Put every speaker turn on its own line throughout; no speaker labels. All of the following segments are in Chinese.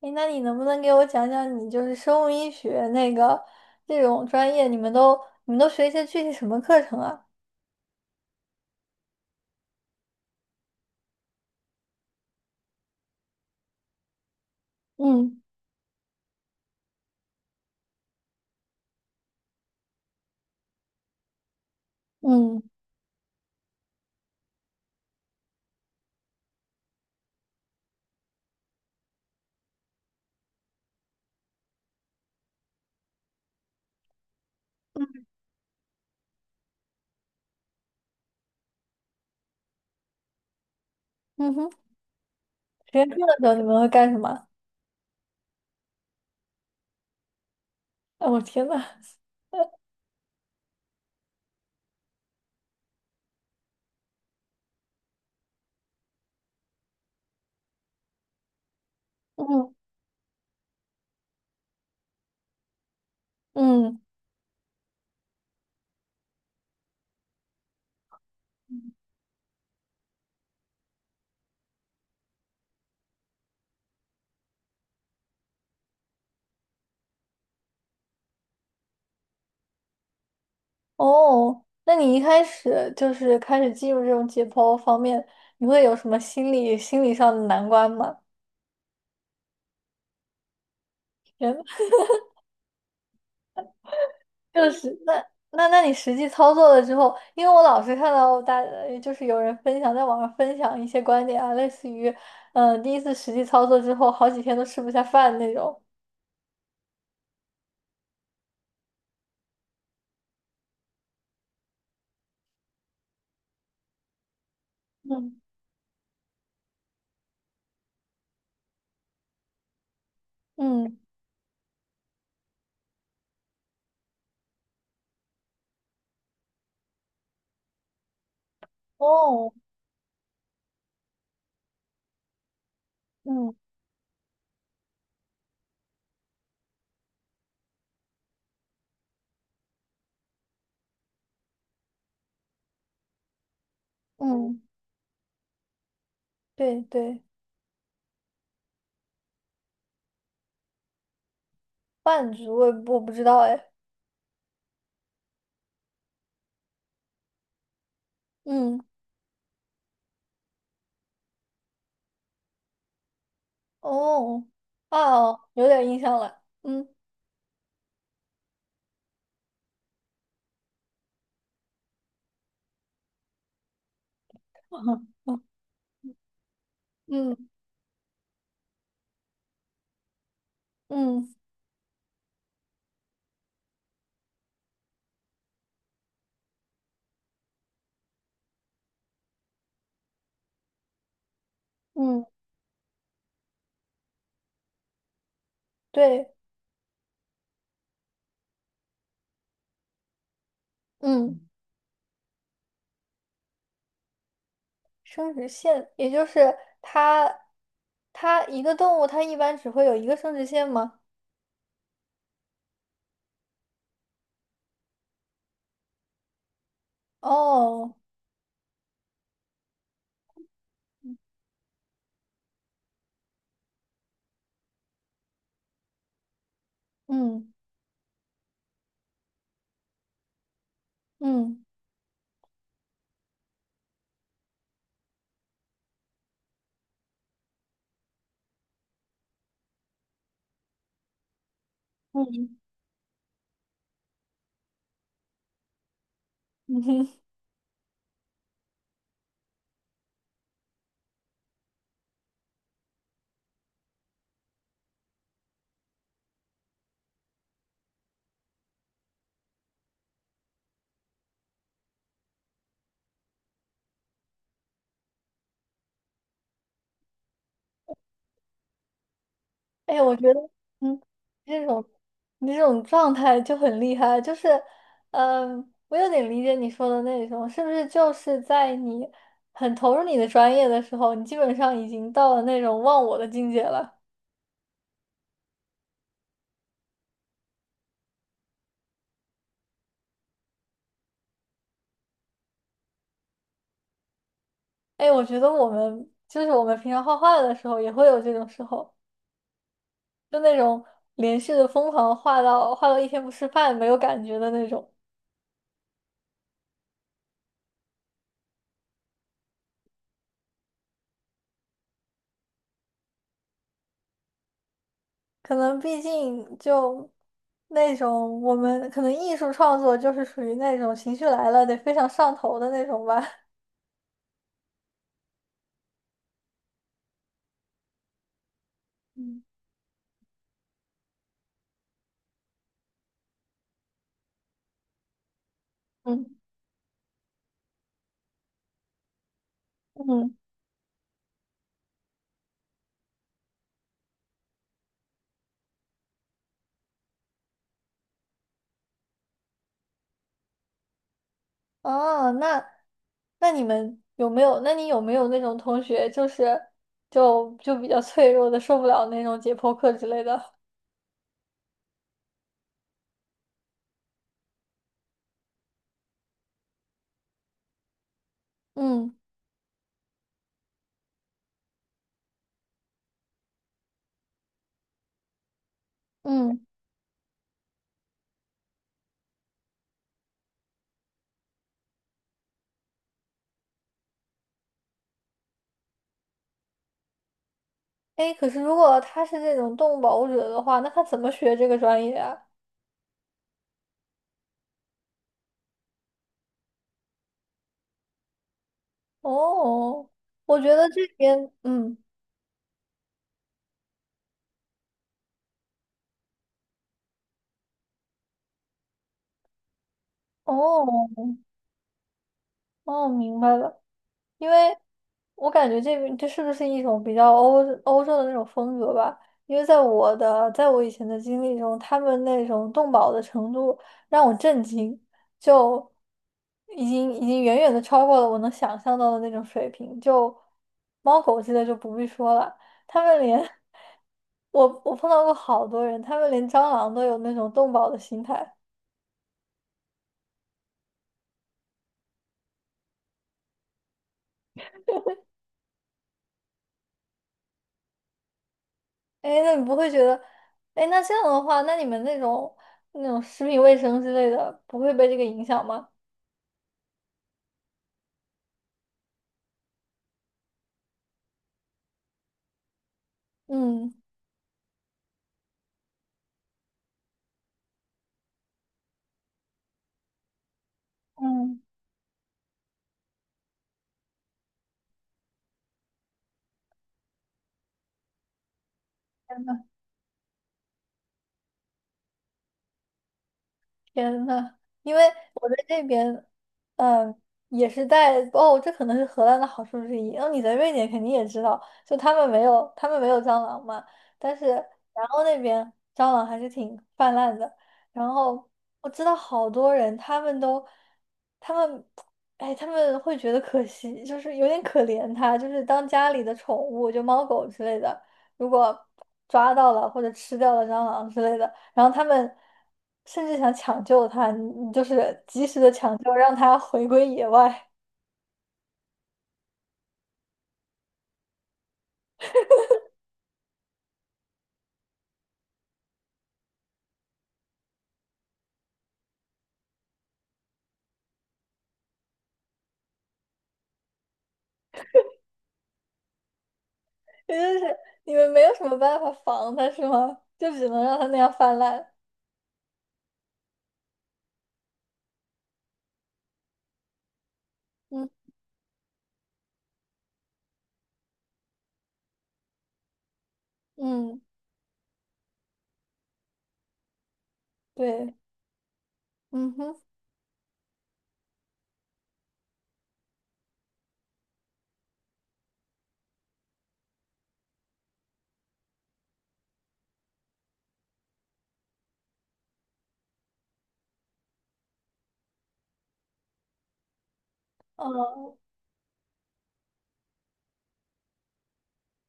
诶，那你能不能给我讲讲你就是生物医学那个这种专业，你们都学一些具体什么课程啊？嗯。嗯。 嗯哼，实验课的时候你们会干什么？哎，我天呐！嗯。嗯。哦，那你一开始就是开始进入这种解剖方面，你会有什么心理上的难关吗？天呐。就是那，那你实际操作了之后，因为我老是看到大，就是有人分享在网上分享一些观点啊，类似于，第一次实际操作之后好几天都吃不下饭那种。嗯。嗯。哦。嗯。嗯。对对。半局我也不，我不知道哎。嗯。哦。啊，哦，有点印象了。嗯。 嗯。嗯。嗯。对。嗯。生殖腺，也就是它，它一个动物它一般只会有一个生殖腺吗？哦。嗯。嗯。嗯。嗯哼。哎，我觉得，嗯，这种，你这种状态就很厉害，就是，嗯，我有点理解你说的那种，是不是就是在你很投入你的专业的时候，你基本上已经到了那种忘我的境界了？哎，我觉得我们平常画画的时候也会有这种时候。就那种连续的疯狂画到一天不吃饭没有感觉的那种。可能毕竟就那种我们可能艺术创作就是属于那种情绪来了得非常上头的那种吧。嗯。嗯。嗯。哦，那，那你们有没有？那你有没有那种同学，就是，就比较脆弱的，受不了那种解剖课之类的？嗯。嗯。哎，可是如果他是这种动物保护者的话，那他怎么学这个专业啊？哦，我觉得这边，嗯。哦。哦，明白了。因为我感觉这边这是不是一种比较欧，欧洲的那种风格吧？因为在我的，在我以前的经历中，他们那种动保的程度让我震惊，就已经远远的超过了我能想象到的那种水平。就猫狗之类就不必说了，他们连， 我碰到过好多人，他们连蟑螂都有那种动保的心态。哎，那你不会觉得，哎，那这样的话，那你们那种，那种食品卫生之类的，不会被这个影响吗？嗯。嗯。天呐，因为我在这边，嗯，也是带，哦，这可能是荷兰的好处之一。然后你在瑞典肯定也知道，就他们没有蟑螂嘛，但是然后那边蟑螂还是挺泛滥的。然后我知道好多人，他们都，他们，哎，他们会觉得可惜，就是有点可怜他，就是当家里的宠物，就猫狗之类的，如果抓到了或者吃掉了蟑螂之类的。然后他们甚至想抢救他，你，就是及时的抢救，让他回归野外。也就是你们没有什么办法防他，是吗？就只能让他那样泛滥。嗯。嗯，对。嗯哼。哦。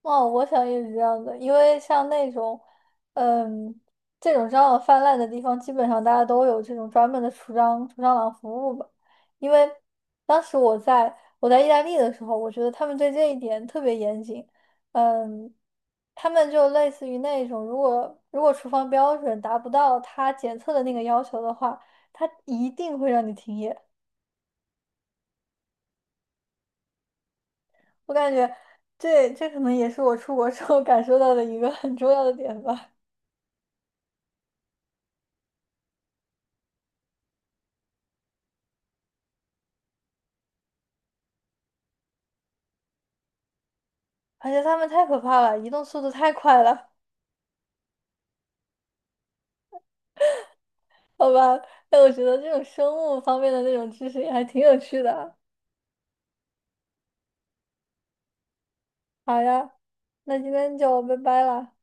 哦，我想也是这样的，因为像那种，嗯，这种蟑螂泛滥的地方，基本上大家都有这种专门的除蟑螂服务吧。因为当时我在，在意大利的时候，我觉得他们对这一点特别严谨。嗯，他们就类似于那种，如果厨房标准达不到他检测的那个要求的话，他一定会让你停业。我感觉，这可能也是我出国之后感受到的一个很重要的点吧。而且它们太可怕了，移动速度太快了，好吧？哎，我觉得这种生物方面的那种知识也还挺有趣的啊。好呀，那今天就拜拜了。